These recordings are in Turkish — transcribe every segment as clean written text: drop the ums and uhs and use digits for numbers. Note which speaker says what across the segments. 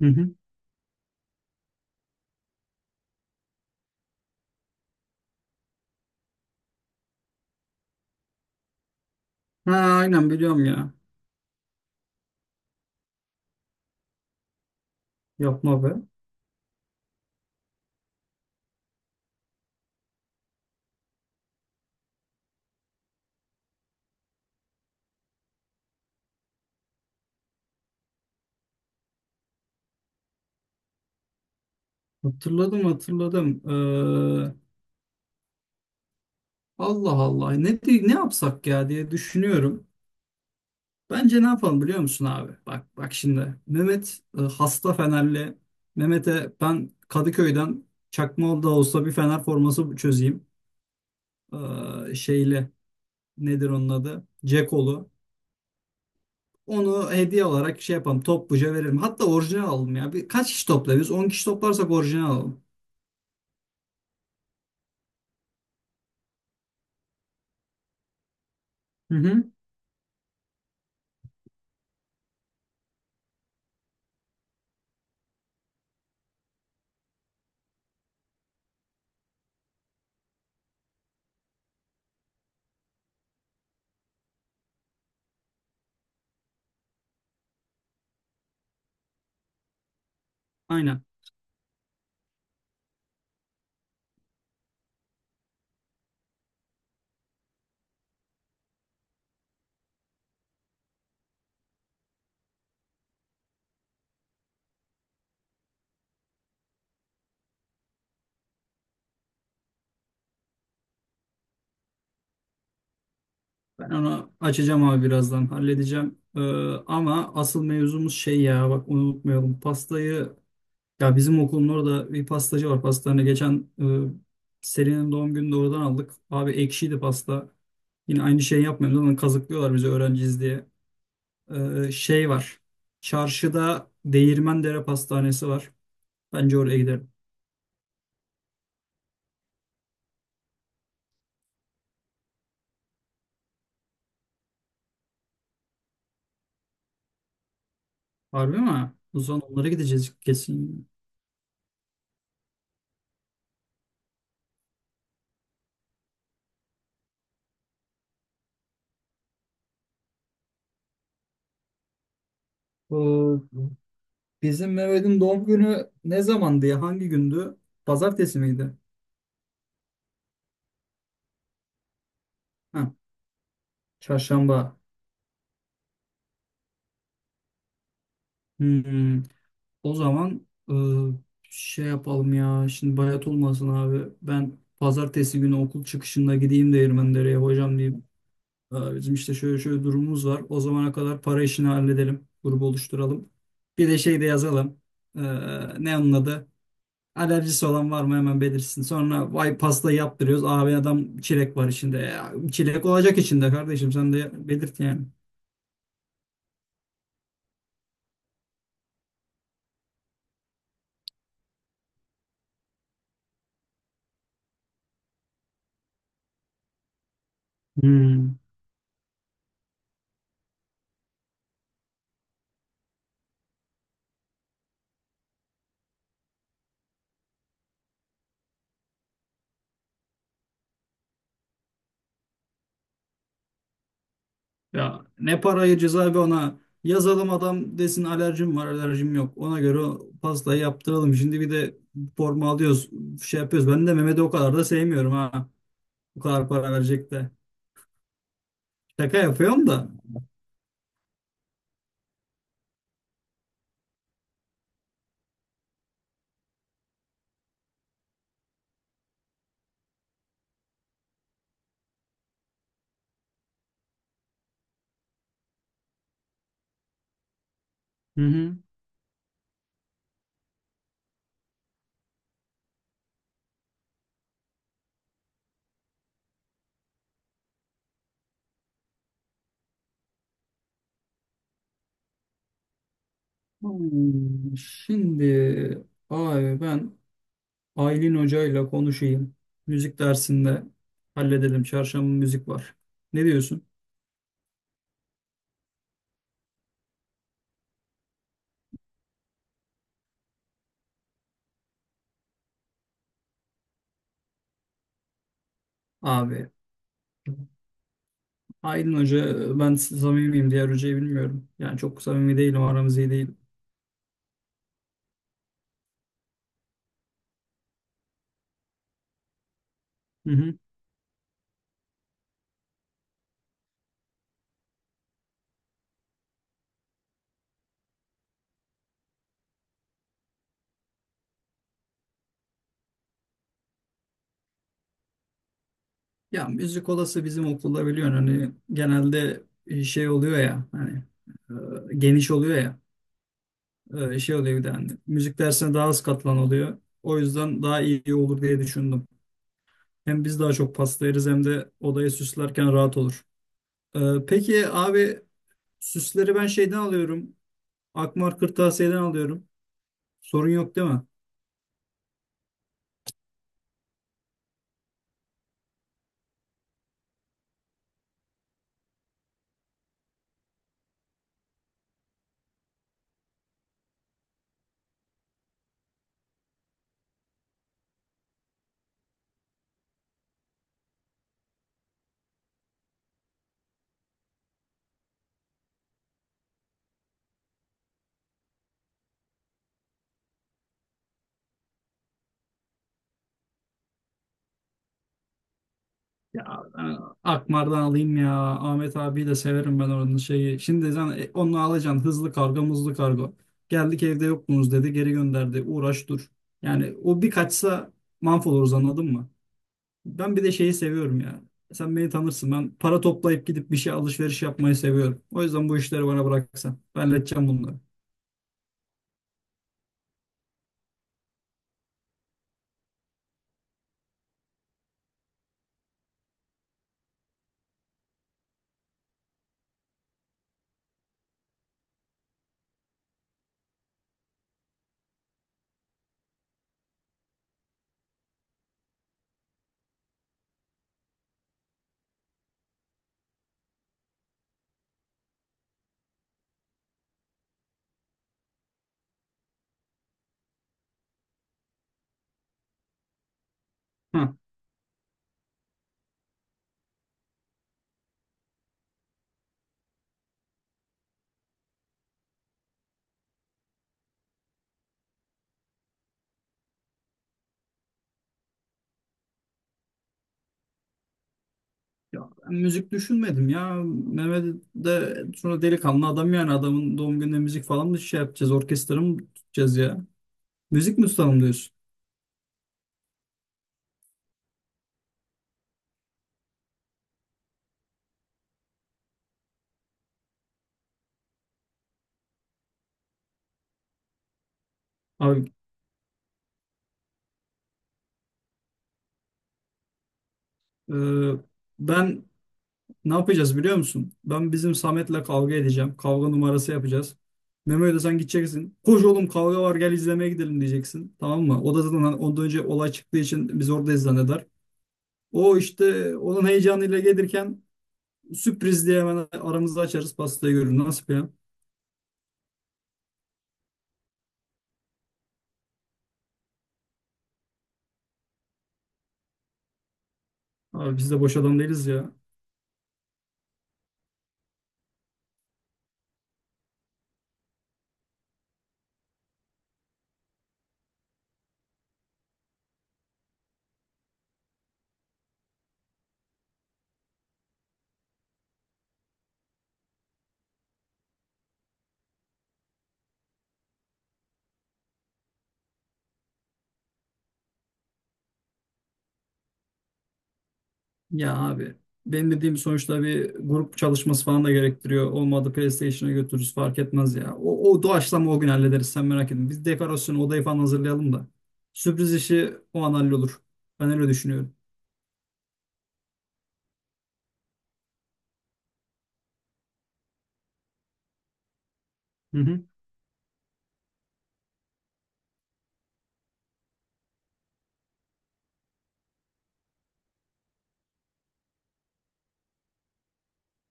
Speaker 1: Hı hı. Ha, aynen biliyorum ya. Yapma be. Hatırladım hatırladım. Allah Allah ne yapsak ya diye düşünüyorum. Bence ne yapalım biliyor musun abi? Bak bak şimdi Mehmet hasta Fenerli. Mehmet'e ben Kadıköy'den çakma da olsa bir Fener forması çözeyim. Şeyli nedir onun adı? Cekolu. Onu hediye olarak şey yapalım. Topluca veririm. Hatta orijinal alalım ya. Kaç kişi toplarız? 10 kişi toplarsak orijinal alalım. Hı hı. Aynen. Ben onu açacağım abi birazdan halledeceğim. Ama asıl mevzumuz şey ya, bak onu unutmayalım. Pastayı, ya bizim okulun orada bir pastacı var. Pastanı geçen Selin'in doğum gününde oradan aldık. Abi ekşiydi pasta. Yine aynı şeyi yapmıyoruz ama kazıklıyorlar bizi öğrenciyiz diye. Şey var. Çarşıda Değirmendere Pastanesi var. Bence oraya gidelim. Harbi mi? O zaman onlara gideceğiz kesin. Bizim Mehmet'in doğum günü ne zamandı ya? Hangi gündü? Pazartesi miydi? Ha, çarşamba. Hmm. O zaman şey yapalım ya. Şimdi bayat olmasın abi. Ben pazartesi günü okul çıkışında gideyim değirmenlere, hocam diyeyim. "Aa, bizim işte şöyle şöyle durumumuz var." O zamana kadar para işini halledelim. Grubu oluşturalım. Bir de şey de yazalım. Ee, Ne onun adı? Alerjisi olan var mı, hemen belirsin. Sonra vay pasta yaptırıyoruz. Abi, adam çilek var içinde. Ya, çilek olacak içinde kardeşim, sen de belirt yani. Hmm. Ya ne parayı cezaevi, ona yazalım, adam desin alerjim var alerjim yok. Ona göre o pastayı yaptıralım. Şimdi bir de forma alıyoruz, şey yapıyoruz. Ben de Mehmet'i o kadar da sevmiyorum ha. Bu kadar para verecek de. Şaka yapıyorum da. Hı hı. Şimdi abi ben Aylin hocayla konuşayım. Müzik dersinde halledelim. Çarşamba müzik var. Ne diyorsun? Abi, Aylin Hoca ben samimiyim. Diğer hocayı bilmiyorum. Yani çok samimi değilim. Aramız iyi değil. Hı hı. Ya müzik odası, bizim okulda biliyorsun hani, genelde şey oluyor ya hani, geniş oluyor ya. Şey oluyor, bir de hani müzik dersine daha az katlan oluyor. O yüzden daha iyi olur diye düşündüm. Hem biz daha çok paslayırız, hem de odayı süslerken rahat olur. Peki abi, süsleri ben şeyden alıyorum. Akmar Kırtasiye'den alıyorum. Sorun yok değil mi? Ya ben Akmar'dan alayım ya. Ahmet abiyi de severim ben, oranın şeyi. Şimdi sen onunla alacaksın, hızlı kargo muzlu kargo. Geldik evde yoktunuz dedi, geri gönderdi. Uğraş dur. Yani o bir kaçsa mahvoluruz, anladın mı? Ben bir de şeyi seviyorum ya. Sen beni tanırsın. Ben para toplayıp gidip bir şey alışveriş yapmayı seviyorum. O yüzden bu işleri bana bıraksan, ben halledeceğim bunları. Ya ben müzik düşünmedim ya. Mehmet de sonra delikanlı adam, yani adamın doğum gününe müzik falan mı şey yapacağız, orkestra mı tutacağız ya? Müzik mi tutalım diyorsun? Abi e, ben ne yapacağız biliyor musun? Ben bizim Samet'le kavga edeceğim. Kavga numarası yapacağız. Memo'ya da sen gideceksin. Koş oğlum kavga var, gel izlemeye gidelim, diyeceksin. Tamam mı? O da zaten hani ondan önce olay çıktığı için biz oradayız zanneder. O işte onun heyecanıyla gelirken, sürpriz diye hemen aramızda açarız, pastayı görür. Nasıl ya? Abi biz de boş adam değiliz ya. Ya abi, benim dediğim sonuçta bir grup çalışması falan da gerektiriyor. Olmadı PlayStation'a götürürüz, fark etmez ya. O doğaçlama o gün hallederiz, sen merak etme. Biz dekorasyonu, odayı falan hazırlayalım da. Sürpriz işi o an hallolur. Ben öyle düşünüyorum. Hı hı.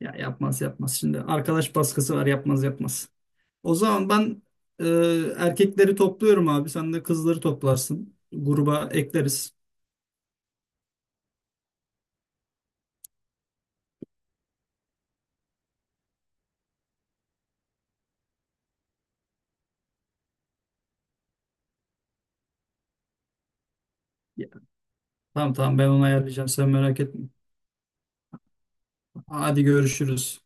Speaker 1: Ya yapmaz yapmaz. Şimdi arkadaş baskısı var, yapmaz yapmaz. O zaman ben e, erkekleri topluyorum abi. Sen de kızları toplarsın. Gruba ekleriz. Ya, tamam tamam, ben onu ayarlayacağım, sen merak etme. Hadi görüşürüz.